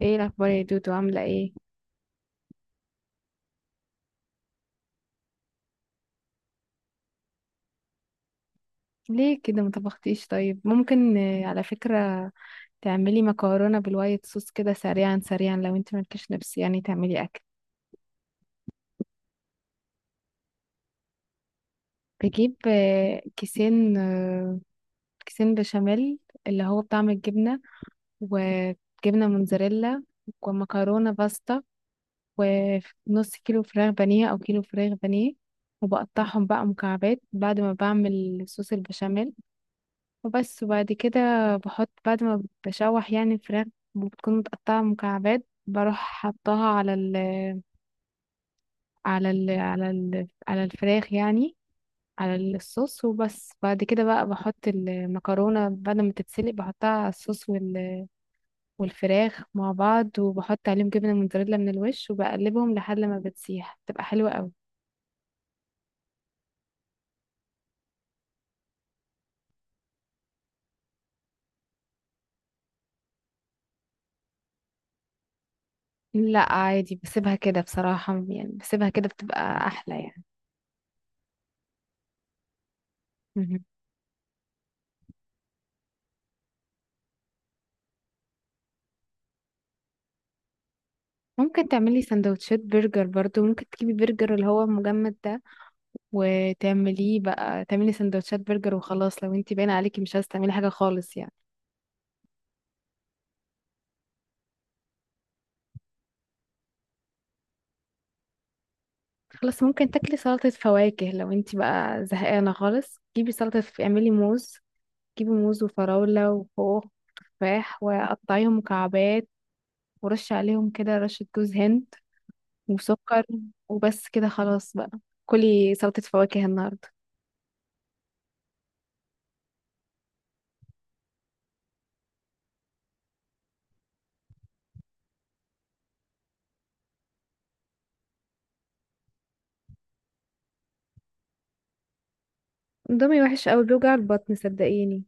ايه الاخبار يا دودو، عامله ايه؟ ليه كده ما طبختيش؟ طيب، ممكن على فكره تعملي مكرونه بالوايت صوص كده سريعا سريعا، لو انت مالكيش نفس يعني تعملي اكل. بجيب كيسين بشاميل، اللي هو بطعم الجبنه، وجبنه موتزاريلا، ومكرونه باستا، ونص كيلو فراخ بانيه او كيلو فراخ بانيه. وبقطعهم بقى مكعبات بعد ما بعمل صوص البشاميل وبس. وبعد كده بحط، بعد ما بشوح يعني الفراخ بتكون متقطعة مكعبات، بروح حطها على ال على ال على ال على الفراخ يعني على الصوص وبس. بعد كده بقى بحط المكرونة بعد ما تتسلق، بحطها على الصوص والفراخ مع بعض، وبحط عليهم جبنة موتزاريلا من الوش وبقلبهم لحد ما بتسيح، بتبقى حلوة قوي. لا عادي، بسيبها كده بصراحة، يعني بسيبها كده بتبقى أحلى يعني. ممكن تعملي سندوتشات برجر برضو، ممكن تجيبي برجر اللي هو مجمد ده وتعمليه بقى، تعملي سندوتشات برجر وخلاص، لو انتي باينه عليكي مش عايزه تعملي حاجه خالص يعني. خلاص، ممكن تاكلي سلطه فواكه لو انتي بقى زهقانه خالص. جيبي سلطه، اعملي موز. جيبي موز وفراوله وخوخ وتفاح، وقطعيهم مكعبات، ورشي عليهم كده رشه جوز هند وسكر. وبس كده خلاص بقى، كلي سلطه فواكه النهارده. اندومي وحش قوي، بيوجع البطن صدقيني.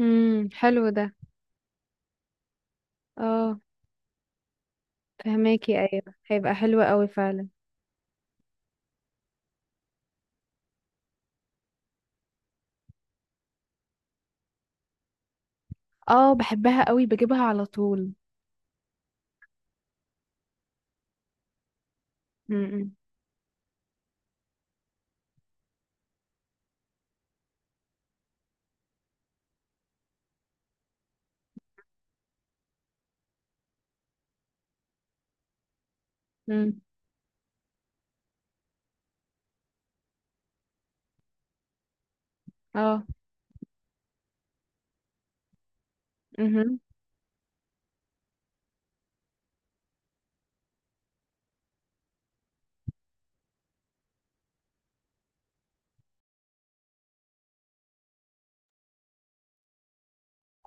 حلو ده. اه، فهماكي، ايوه هيبقى حلو قوي فعلا. اه، بحبها قوي، بجيبها على طول. امم. امم. اه. امم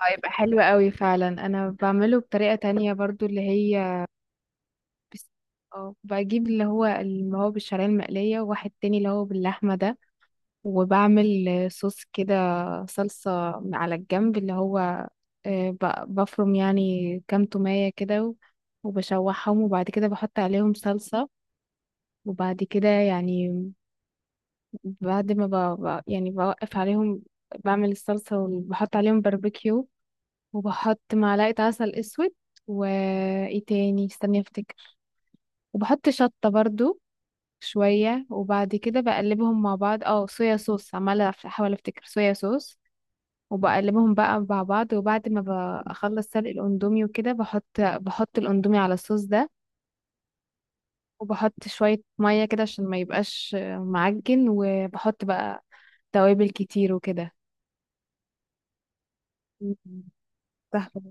هيبقى حلو قوي فعلا. انا بعمله بطريقة تانية برضو، اللي هي بس اه بجيب اللي هو بالشعرية المقلية، وواحد تاني اللي هو باللحمة ده. وبعمل صوص كده، صلصة على الجنب، اللي هو بفرم يعني كام تومية كده وبشوحهم، وبعد كده بحط عليهم صلصة. وبعد كده يعني، بعد ما يعني بوقف عليهم، بعمل الصلصة وبحط عليهم باربيكيو، وبحط معلقة عسل اسود. وايه تاني؟ استني افتكر. وبحط شطة برضو شوية. وبعد كده بقلبهم مع بعض، صويا صوص. عمالة احاول افتكر، صويا صوص. وبقلبهم بقى مع بعض، وبعد ما بخلص سلق الاندومي وكده بحط، الاندومي على الصوص ده. وبحط شوية مية كده عشان ما يبقاش معجن، وبحط بقى توابل كتير وكده. تحفة.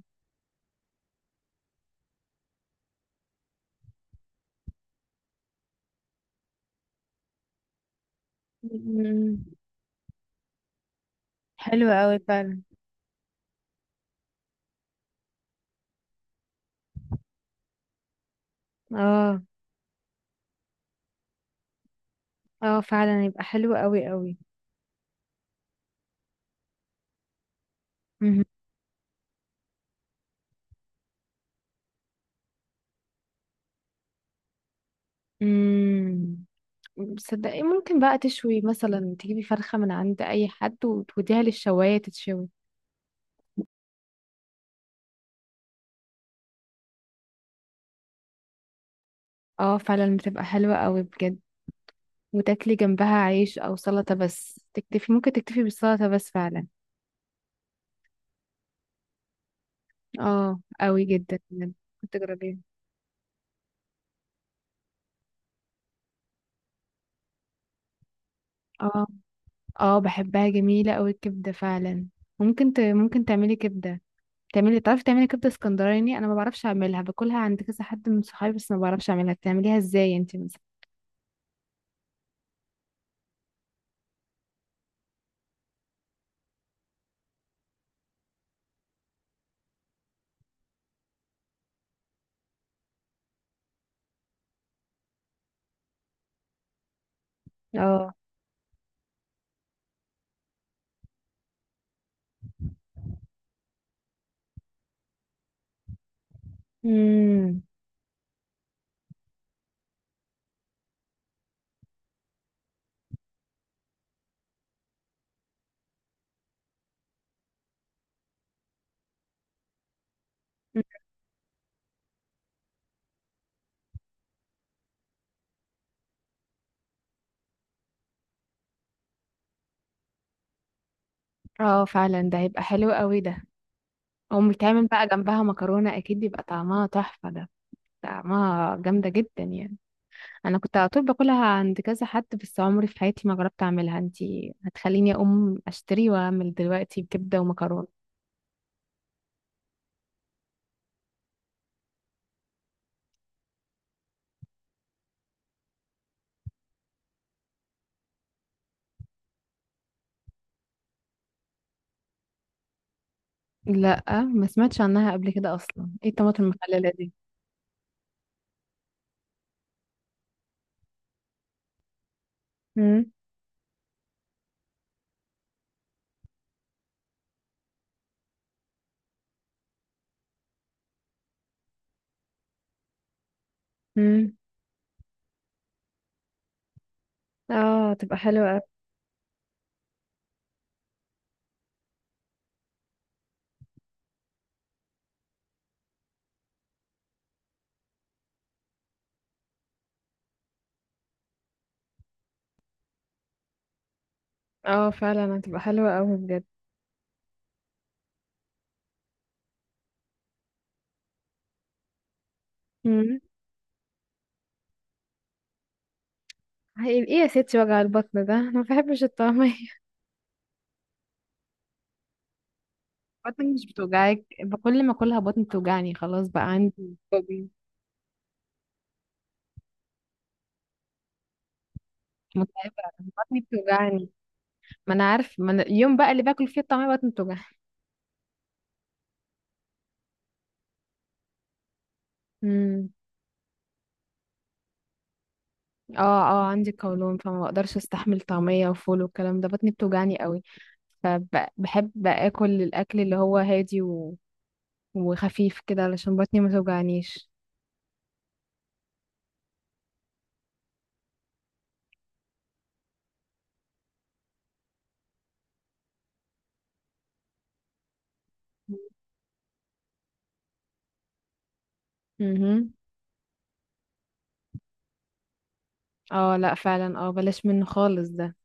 مم. حلو قوي فعلا. اه، اه فعلا يبقى حلو قوي قوي. مهم. مم. صدقي ممكن بقى تشوي، مثلا تجيبي فرخة من عند اي حد وتوديها للشواية تتشوي. اه، فعلا بتبقى حلوة قوي بجد. وتاكلي جنبها عيش او سلطة بس، تكتفي، ممكن تكتفي بالسلطة بس فعلا. اه، قوي جدا بجد. كنت تجربيها. اه، اه، بحبها جميلة قوي الكبدة فعلا. ممكن ممكن تعملي كبدة. تعرفي تعملي كبدة اسكندراني، انا ما بعرفش اعملها، باكلها عند كذا حد من صحابي، بس ما بعرفش اعملها. بتعمليها ازاي انت مثلا؟ اه. امم. اه. فعلا ده هيبقى حلو قوي ده. او بيتعمل بقى جنبها مكرونة، اكيد يبقى طعمها تحفة ده، طعمها جامدة جدا يعني. انا كنت على طول باكلها عند كذا حد، بس عمري في حياتي ما جربت اعملها. انت هتخليني اقوم اشتري واعمل دلوقتي بكبدة ومكرونة. لا، ما سمعتش عنها قبل كده اصلا. ايه الطماطم المخللة دي؟ امم. امم. اه، تبقى حلوة. اه، فعلا هتبقى حلوة اوي بجد. امم. ايه يا ستي وجع البطن ده، انا ما بحبش الطعمية. بطنك مش بتوجعك؟ كل ما اكلها بطني بتوجعني. خلاص، بقى عندي فوبيا. متعبة، بطني بتوجعني. ما انا عارف، ما أنا اليوم بقى اللي باكل فيه الطعمية بطني بتوجعني. امم. اه. اه، عندي قولون، فما بقدرش استحمل طعمية وفول والكلام ده، بطني بتوجعني قوي. فبحب اكل الاكل اللي هو هادي و... وخفيف كده علشان بطني ما توجعنيش. امم. اه لا، فعلا، بلاش منه خالص ده.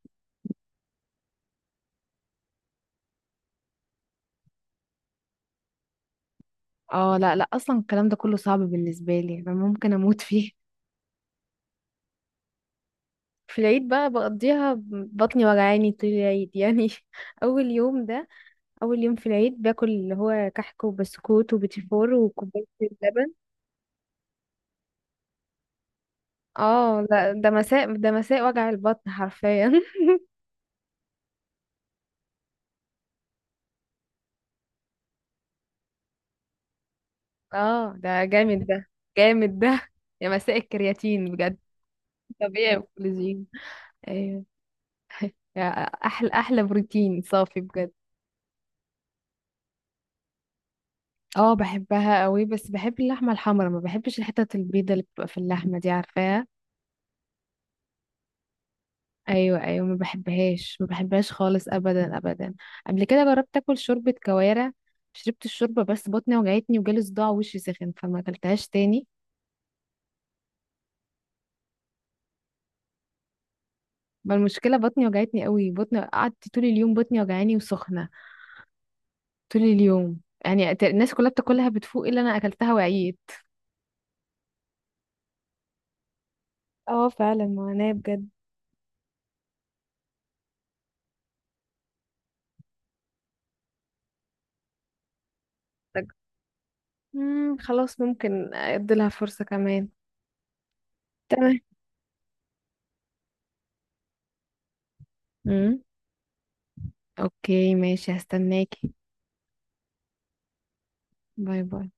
اه لا، لا، اصلا الكلام ده كله صعب بالنسبه لي، انا ممكن اموت فيه. في العيد بقى بقضيها، بطني وجعاني طول العيد يعني. اول يوم ده اول يوم في العيد باكل اللي هو كحك وبسكوت وبتيفور وكوبايه اللبن. اه لا، ده مساء، ده مساء وجع البطن حرفيا اه ده جامد، ده جامد ده يا مساء الكرياتين بجد. طبيعي وكولاجين. ايوه يا احلى احلى بروتين صافي بجد. اه بحبها قوي، بس بحب اللحمه الحمرا، ما بحبش الحتت البيضه اللي بتبقى في اللحمه دي، عارفاها؟ ايوه، ايوه، ما بحبهاش ما بحبهاش خالص، ابدا ابدا. قبل كده جربت اكل شوربه كوارع، شربت الشوربه بس بطني وجعتني وجالي صداع ووشي سخن، فما اكلتهاش تاني. ما المشكله، بطني وجعتني قوي، بطني قعدت طول اليوم، بطني وجعاني وسخنه طول اليوم يعني. الناس كلها بتاكلها بتفوق، الا انا اكلتها وعيت. اه، فعلا معاناة بجد. خلاص ممكن اديلها فرصه كمان. تمام. مم. اوكي ماشي، هستناكي. باي باي.